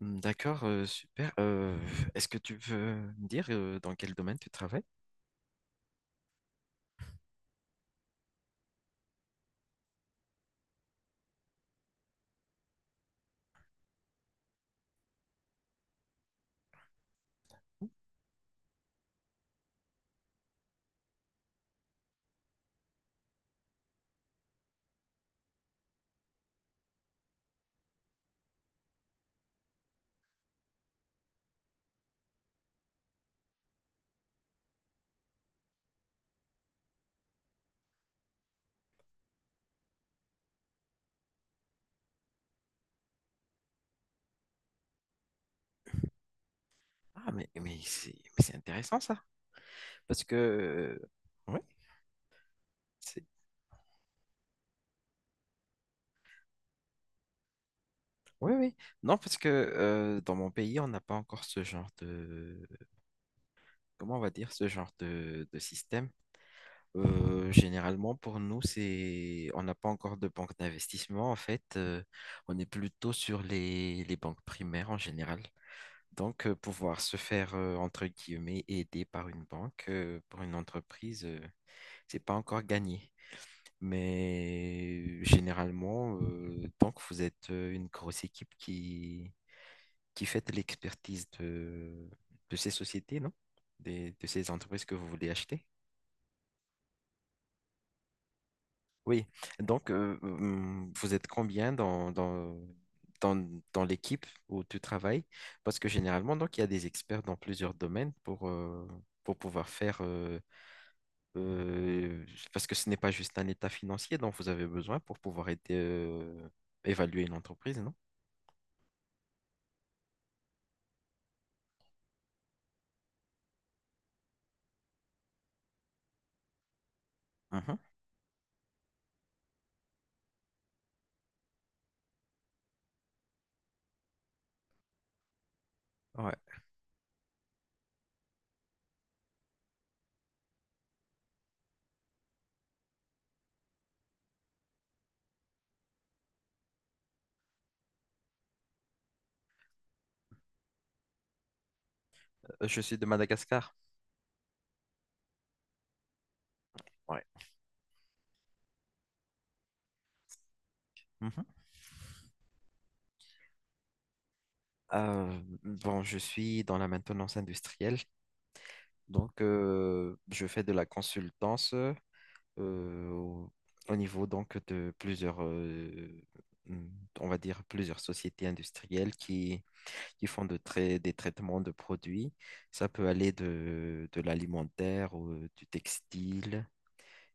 Hmm, D'accord, super. Est-ce que tu veux me dire dans quel domaine tu travailles? Ah, mais c'est intéressant ça. Parce que, ouais, c'est, oui, oui. Non, parce que dans mon pays, on n'a pas encore ce genre de, comment on va dire, ce genre de système. Généralement, pour nous, c'est, on n'a pas encore de banque d'investissement. En fait, on est plutôt sur les banques primaires en général. Donc, pouvoir se faire, entre guillemets, aider par une banque, pour une entreprise, c'est pas encore gagné. Mais généralement, tant que vous êtes une grosse équipe qui fait de l'expertise de ces sociétés, non? De ces entreprises que vous voulez acheter. Oui, donc vous êtes combien dans, dans l'équipe où tu travailles? Parce que généralement, donc, il y a des experts dans plusieurs domaines pour pouvoir faire, euh, parce que ce n'est pas juste un état financier dont vous avez besoin pour pouvoir aider, évaluer une entreprise, non? Mhm. Ouais. Je suis de Madagascar. Ouais. Mhm. Bon, je suis dans la maintenance industrielle, donc je fais de la consultance. euh, au au niveau donc de plusieurs, hum, on va dire plusieurs sociétés industrielles qui font de des traitements de produits. Ça peut aller de l'alimentaire, ou, du textile,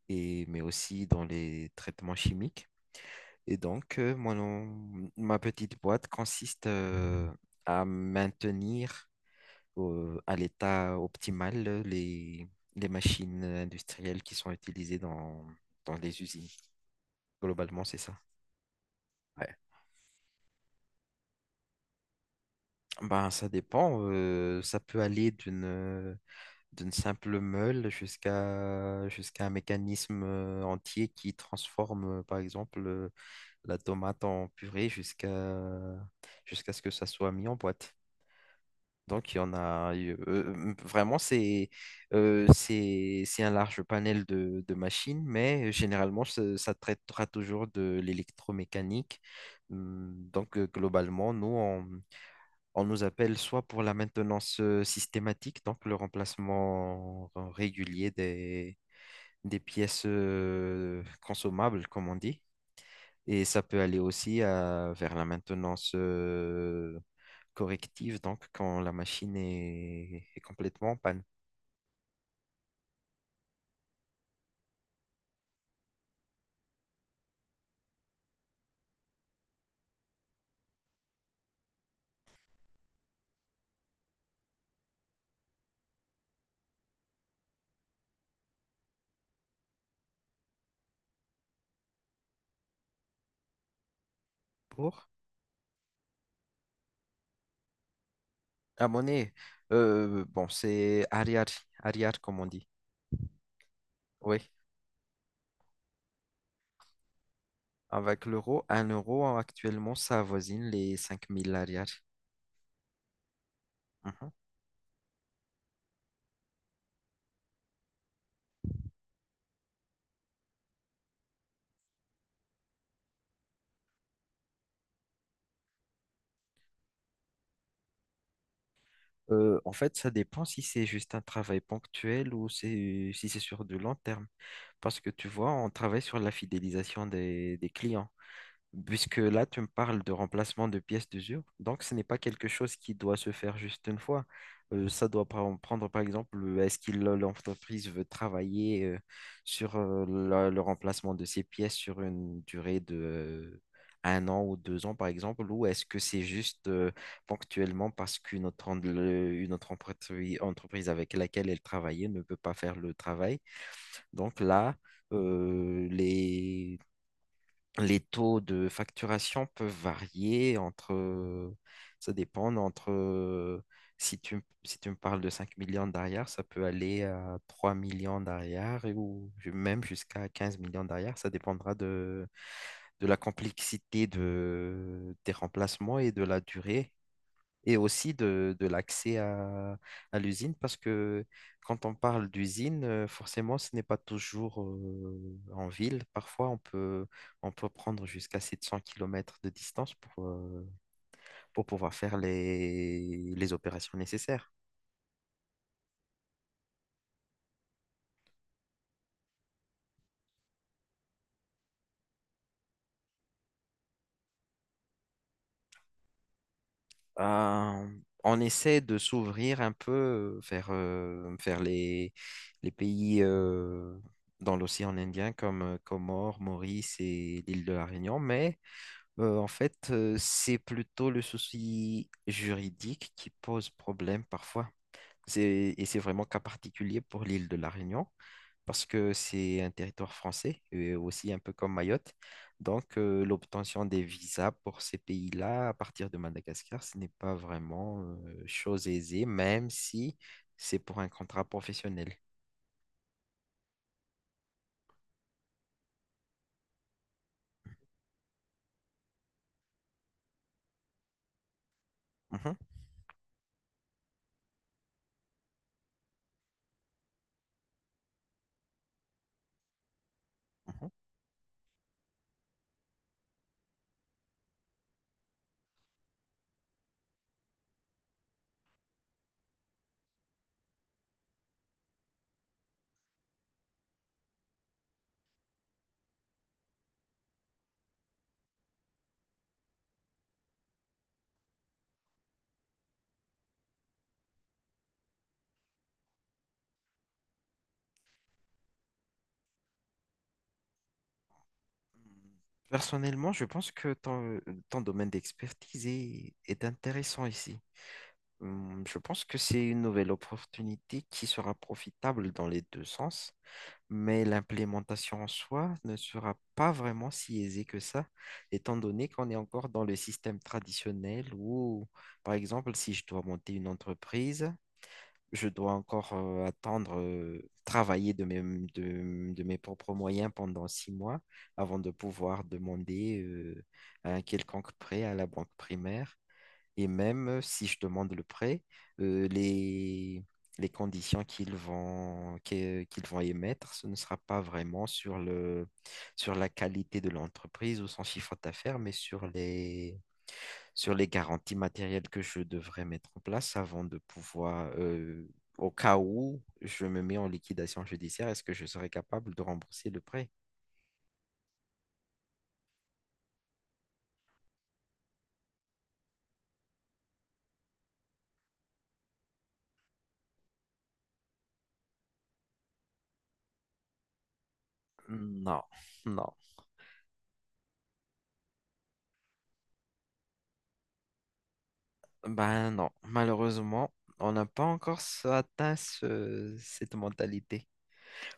et, mais aussi dans les traitements chimiques. Et donc, ma petite boîte consiste à maintenir à l'état optimal les machines industrielles qui sont utilisées dans dans les usines. Globalement, c'est ça. Ouais. Ben, ça dépend. Ça peut aller d'une d'une simple meule jusqu'à un mécanisme entier qui transforme, par exemple, la tomate en purée jusqu'à jusqu'à ce que ça soit mis en boîte. Donc, il y en a vraiment, c'est un large panel de machines, mais généralement, ça traitera toujours de l'électromécanique. Donc, globalement, nous, on nous appelle soit pour la maintenance systématique, donc le remplacement régulier des pièces consommables, comme on dit. Et ça peut aller aussi vers la maintenance corrective, donc quand la machine est, est complètement en panne. Pour la monnaie, bon, c'est arrière, arrière, comme on dit. Oui, avec l'euro, un euro actuellement, ça avoisine les 5 000 arrière. En fait, ça dépend si c'est juste un travail ponctuel ou c'est, si c'est sur du long terme. Parce que tu vois, on travaille sur la fidélisation des clients. Puisque là, tu me parles de remplacement de pièces d'usure, donc ce n'est pas quelque chose qui doit se faire juste une fois. Ça doit prendre, par exemple, est-ce que l'entreprise veut travailler sur le remplacement de ces pièces sur une durée de 1 an ou 2 ans, par exemple, ou est-ce que c'est juste ponctuellement parce qu'une autre, une autre entreprise avec laquelle elle travaillait ne peut pas faire le travail. Donc là, euh, les les taux de facturation peuvent varier entre, ça dépend entre, si tu, si tu me parles de 5 millions d'arrière, ça peut aller à 3 millions d'arrière et ou même jusqu'à 15 millions d'arrière. Ça dépendra de la complexité de, des remplacements et de la durée et aussi de l'accès à l'usine, parce que quand on parle d'usine, forcément, ce n'est pas toujours en ville. Parfois, on peut prendre jusqu'à 700 kilomètres de distance pour pouvoir faire les opérations nécessaires. Euh, on essaie de s'ouvrir un peu vers, vers les pays dans l'océan Indien comme Comores, Maurice et l'île de la Réunion, mais en fait, c'est plutôt le souci juridique qui pose problème parfois. C'est, et c'est vraiment cas particulier pour l'île de la Réunion, parce que c'est un territoire français, et aussi un peu comme Mayotte. Donc, l'obtention des visas pour ces pays-là, à partir de Madagascar, ce n'est pas vraiment chose aisée, même si c'est pour un contrat professionnel. Mhm, mhm. Personnellement, je pense que ton, ton domaine d'expertise est intéressant ici. Je pense que c'est une nouvelle opportunité qui sera profitable dans les deux sens, mais l'implémentation en soi ne sera pas vraiment si aisée que ça, étant donné qu'on est encore dans le système traditionnel où, par exemple, si je dois monter une entreprise, je dois encore attendre, travailler de mes propres moyens pendant 6 mois avant de pouvoir demander un quelconque prêt à la banque primaire. Et même si je demande le prêt, euh, les, les conditions qu'ils vont, qu'ils vont émettre, ce ne sera pas vraiment sur le, sur la qualité de l'entreprise ou son chiffre d'affaires, mais sur les garanties matérielles que je devrais mettre en place avant de pouvoir, au cas où je me mets en liquidation judiciaire, est-ce que je serai capable de rembourser le prêt? Non, non. Ben non, malheureusement, on n'a pas encore atteint cette mentalité.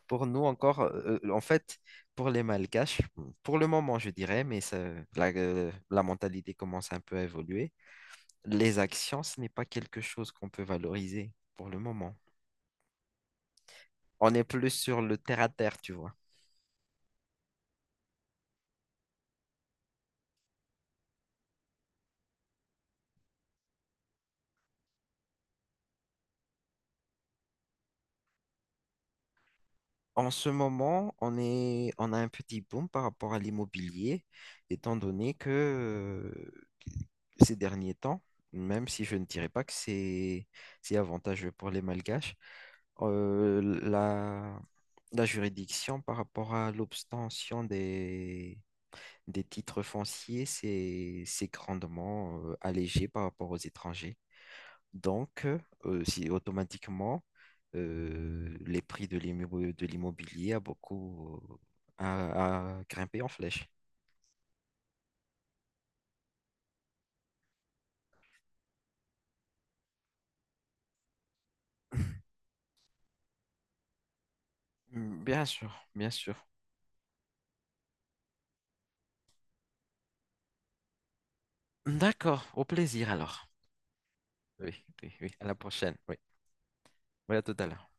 Pour nous encore, en fait, pour les Malgaches, pour le moment, je dirais, mais la mentalité commence un peu à évoluer. Les actions, ce n'est pas quelque chose qu'on peut valoriser pour le moment. On est plus sur le terre à terre, tu vois. En ce moment, on est, on a un petit boom par rapport à l'immobilier, étant donné que ces derniers temps, même si je ne dirais pas que c'est avantageux pour les Malgaches, la, la juridiction par rapport à l'obtention des titres fonciers, c'est grandement allégé par rapport aux étrangers. Donc, si automatiquement, les prix de de l'immobilier a beaucoup a grimpé en flèche. Bien sûr, bien sûr. D'accord, au plaisir alors. Oui, oui, oui. À la prochaine. Oui. Oui, à tout à l'heure.